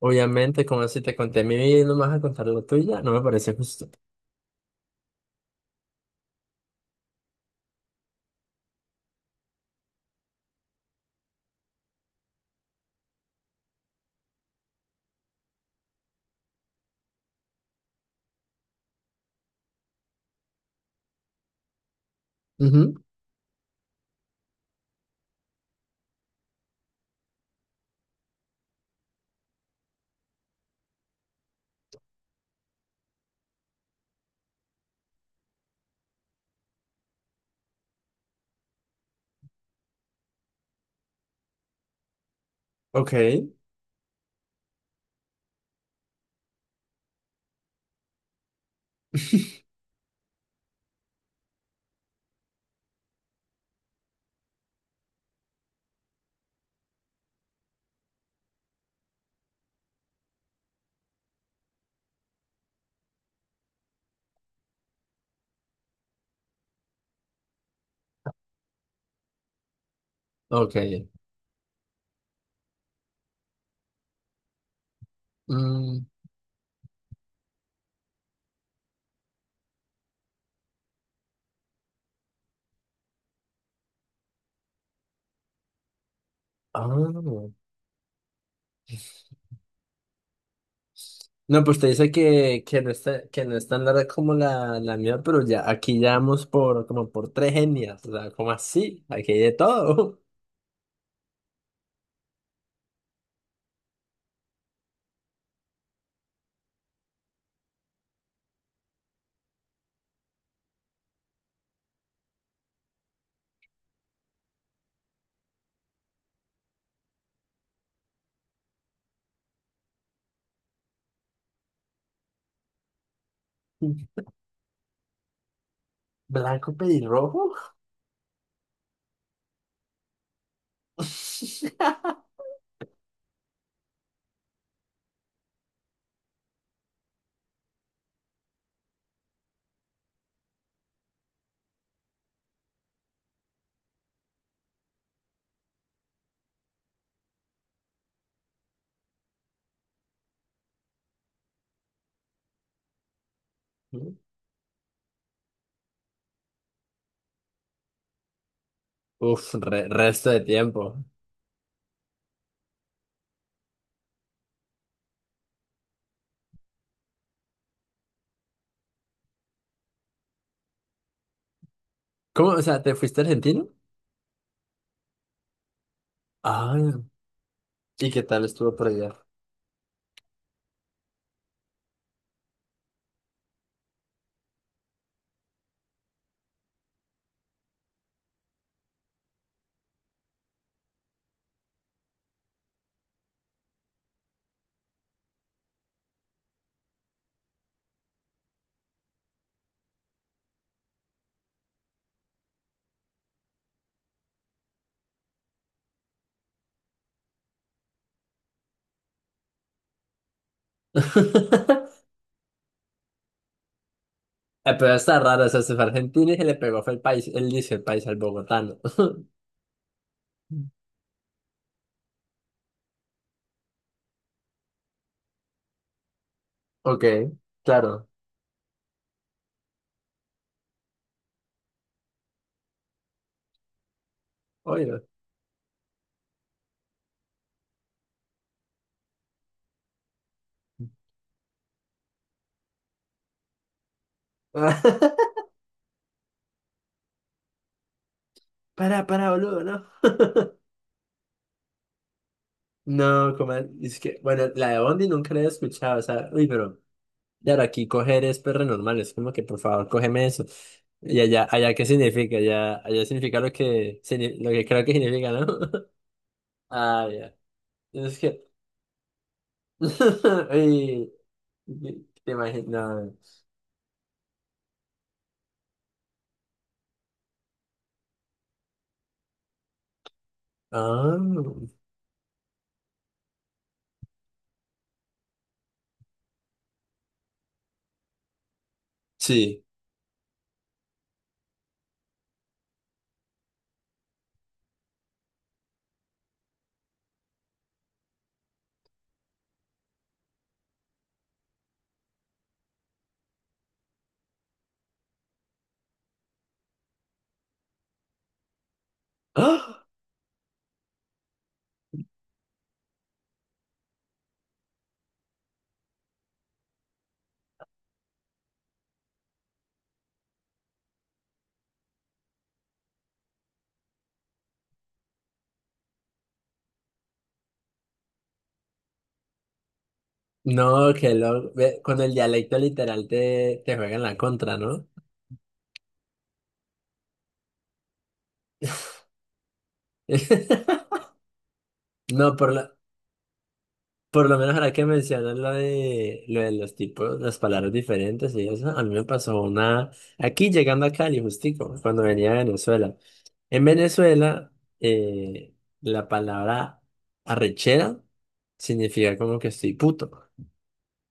Obviamente, como si te conté mi vida y no me vas a contar lo tuya, no me parece justo. Ujú. Ok. Ok. Mm, ah. No, pues te dice que, no está, que no es tan larga como la mía, pero ya aquí ya vamos por, como por tres etnias. ¿O sea, como así? Aquí hay de todo. ¿Blanco pelirrojo? Uf, re- resto de tiempo. ¿Cómo? O sea, ¿te fuiste argentino? Ah, ¿y qué tal estuvo por allá? Pero está raro, o sea, se fue a Argentina y se le pegó, fue el país, él dice el país al bogotano. Ok, claro, oído. Para, boludo, ¿no? No, como, es que, bueno, la de Bondi nunca la he escuchado, o sea, uy, pero, claro, aquí coger es perro normal, es como que, por favor, cógeme eso. Y allá, allá, ¿qué significa? Allá, allá significa lo que, signi- lo que creo que significa, ¿no? Ah, ya. Es que, ay, ¿qué te imaginas? Ah, sí. ¡Ah! No, que lo... ve, con el dialecto literal te, te juegan la contra, ¿no? No, por lo menos ahora que mencionas lo de los tipos, las palabras diferentes y eso, a mí me pasó una... Aquí llegando a Cali, justico, cuando venía a Venezuela. En Venezuela, eh, la palabra arrechera significa como que estoy puto.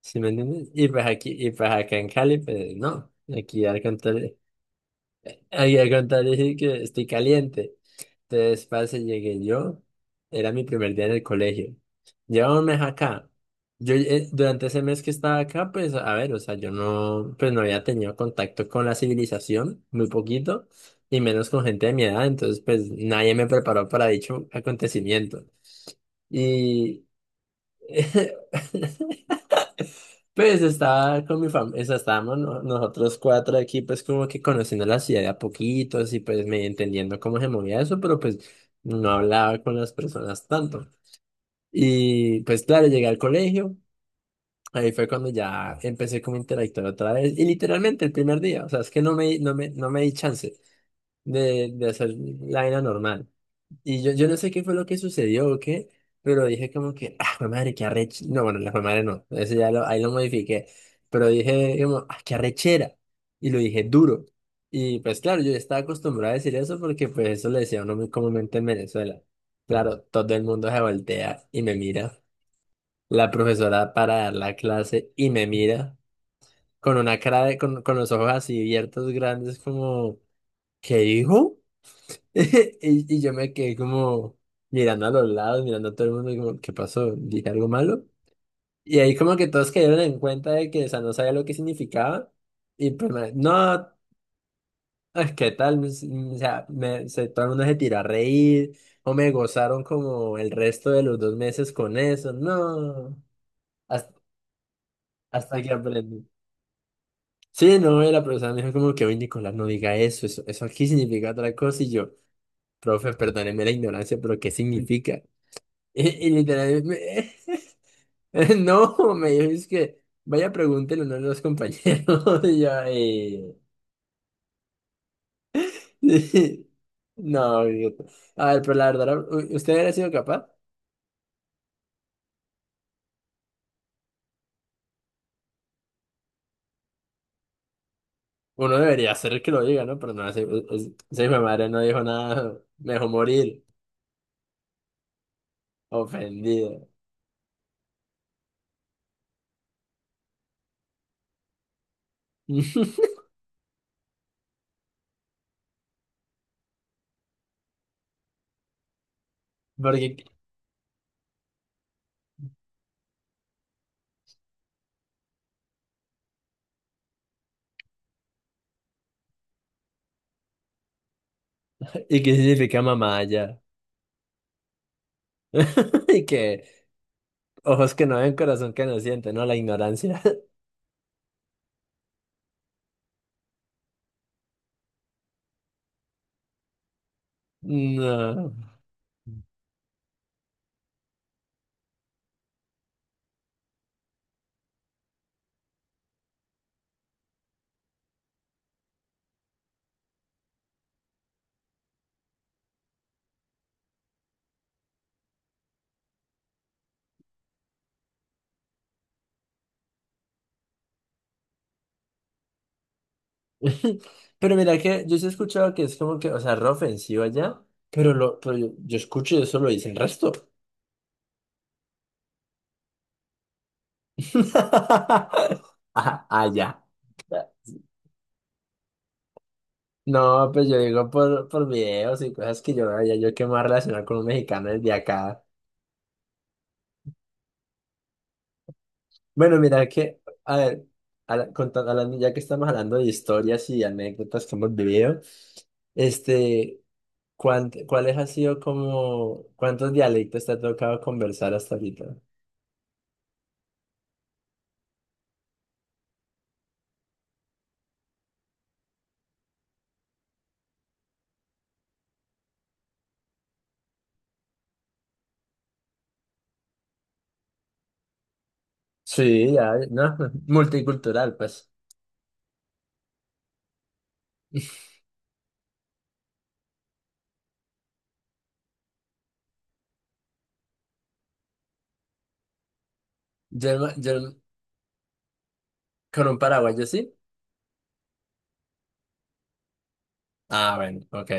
¿Sí me entiendes? Y pues aquí, y pues acá en Cali, pues no. Aquí al contrario, aquí al contrario sí que estoy caliente. Entonces, parce, llegué yo. Era mi primer día en el colegio. Llevaba un mes acá. Yo durante ese mes que estaba acá, pues, a ver, o sea, yo no, pues no había tenido contacto con la civilización, muy poquito, y menos con gente de mi edad, entonces pues nadie me preparó para dicho acontecimiento. Y pues estaba con mi familia, estábamos no- nosotros cuatro aquí, pues como que conociendo la ciudad de a poquitos y pues me entendiendo cómo se movía eso, pero pues no hablaba con las personas tanto. Y pues claro, llegué al colegio, ahí fue cuando ya empecé como a interactuar otra vez, y literalmente el primer día, o sea, es que no me di chance de hacer la vaina normal. Y yo no sé qué fue lo que sucedió o qué, pero dije como que, ah, jue madre, qué arrechera. No, bueno, la jue madre no, eso ya lo, ahí lo modifiqué. Pero dije como, ah, qué arrechera. Y lo dije duro. Y pues claro, yo ya estaba acostumbrado a decir eso porque pues eso le decía uno muy comúnmente en Venezuela. Claro, todo el mundo se voltea y me mira. La profesora para dar la clase y me mira con una cara de, con los ojos así abiertos, grandes, como, ¿qué dijo? Y, y yo me quedé como mirando a los lados, mirando a todo el mundo y como, ¿qué pasó? ¿Dije algo malo? Y ahí como que todos cayeron en cuenta de que, o sea, no sabía lo que significaba. Y pues, me- no, es que tal, o sea, me, se, todo el mundo se tiró a reír o me gozaron como el resto de los dos meses con eso. No, hasta, hasta que aprendí. Sí, no, y la profesora me dijo como que, oye, Nicolás, no diga eso, eso aquí significa otra cosa. Y yo, profe, perdóneme la ignorancia, pero ¿qué significa? Y literalmente, no, me dijo, es que vaya pregúntele ¿no? a uno de los compañeros. Y yo, no, idiota. A ver, pero la verdad, ¿u- ¿usted hubiera sido capaz? Uno debería hacer que lo diga, ¿no? Pero no, ese- ese hijo de madre no dijo nada, me dejó morir, ofendido. Porque, ¿y qué significa mamá allá? Y que ojos que no ven, corazón que no siente, ¿no? La ignorancia. No. Pero mira que yo sí he escuchado que es como que, o sea, re ofensivo allá, pero lo, pero yo escucho y eso lo dice el resto. Ah, allá. No, pues yo digo por videos y cosas que yo no veía, yo que me voy a relacionar con un mexicano desde acá. Bueno, mira que, a ver, habla- conta- hablando, ya que estamos hablando de historias y anécdotas que hemos vivido, este, ¿cuánt- ¿cuáles ha sido como, cuántos dialectos te ha tocado conversar hasta ahorita? Sí, ya, no, multicultural, pues. Yo, no- yo con un paraguayo sí. Ah, bueno, ok.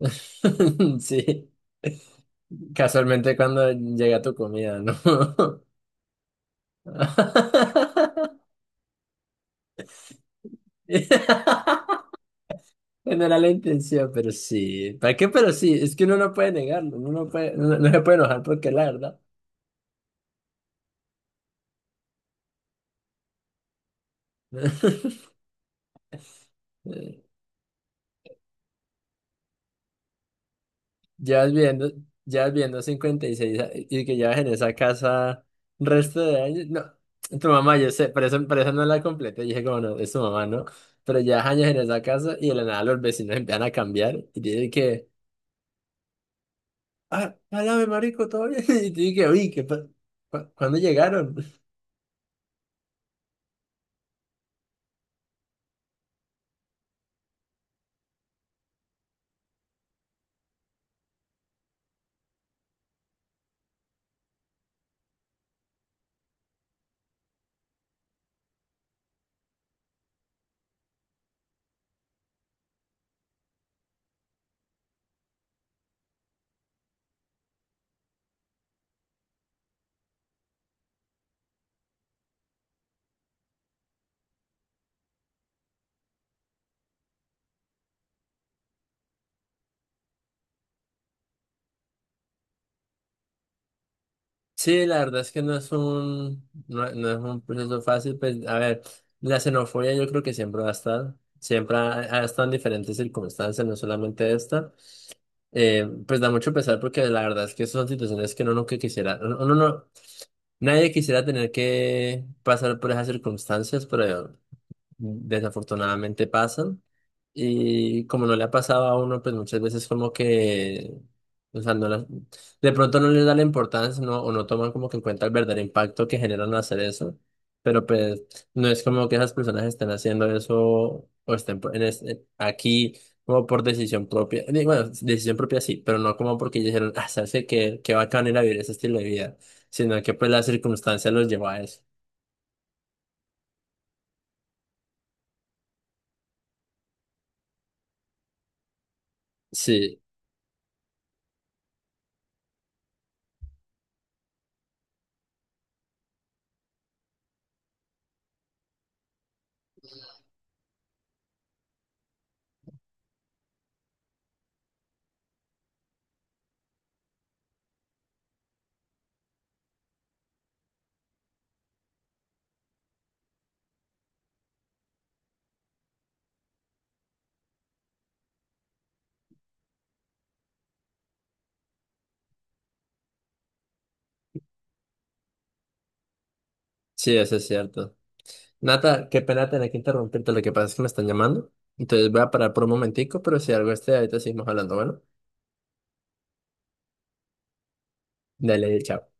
Sí, casualmente cuando llega tu comida, ¿no? No era la intención, pero sí. ¿Para qué? Pero sí, es que uno no puede negarlo, uno no puede, no, no se puede enojar porque es la verdad. Ya vas viendo, ya vas viendo 56 a- y que llevas en esa casa resto de años. No, tu mamá, yo sé, por eso no la completé. Dije, como no, es tu mamá, ¿no? Pero llevas años en esa casa y de la nada los vecinos empiezan a cambiar. Y dije que, ah, háblame, marico, todo bien. Y dije, que, uy, ¿qué pa- pa- ¿cuándo llegaron? Sí, la verdad es que no es un, no, no es un proceso fácil. Pues, a ver, la xenofobia yo creo que siempre va a estar. Siempre ha, ha estado en diferentes circunstancias, no solamente esta. Pues da mucho pesar porque la verdad es que son situaciones que uno nunca quisiera, uno no, nadie quisiera tener que pasar por esas circunstancias, pero desafortunadamente pasan. Y como no le ha pasado a uno, pues muchas veces como que, o sea, no la- de pronto no les da la importancia no, o no toman como que en cuenta el verdadero impacto que generan al hacer eso. Pero pues no es como que esas personas estén haciendo eso o estén por- en este- aquí como por decisión propia. Digo, bueno, decisión propia sí, pero no como porque ellos dijeron, ah, sabes que qué, qué bacán ir a vivir ese estilo de vida, sino que pues la circunstancia los llevó a eso. Sí, sí, eso es cierto. Nata, qué pena tener que interrumpirte, lo que pasa es que me están llamando. Entonces voy a parar por un momentico, pero si algo esté ahorita seguimos hablando, bueno. Dale, chao.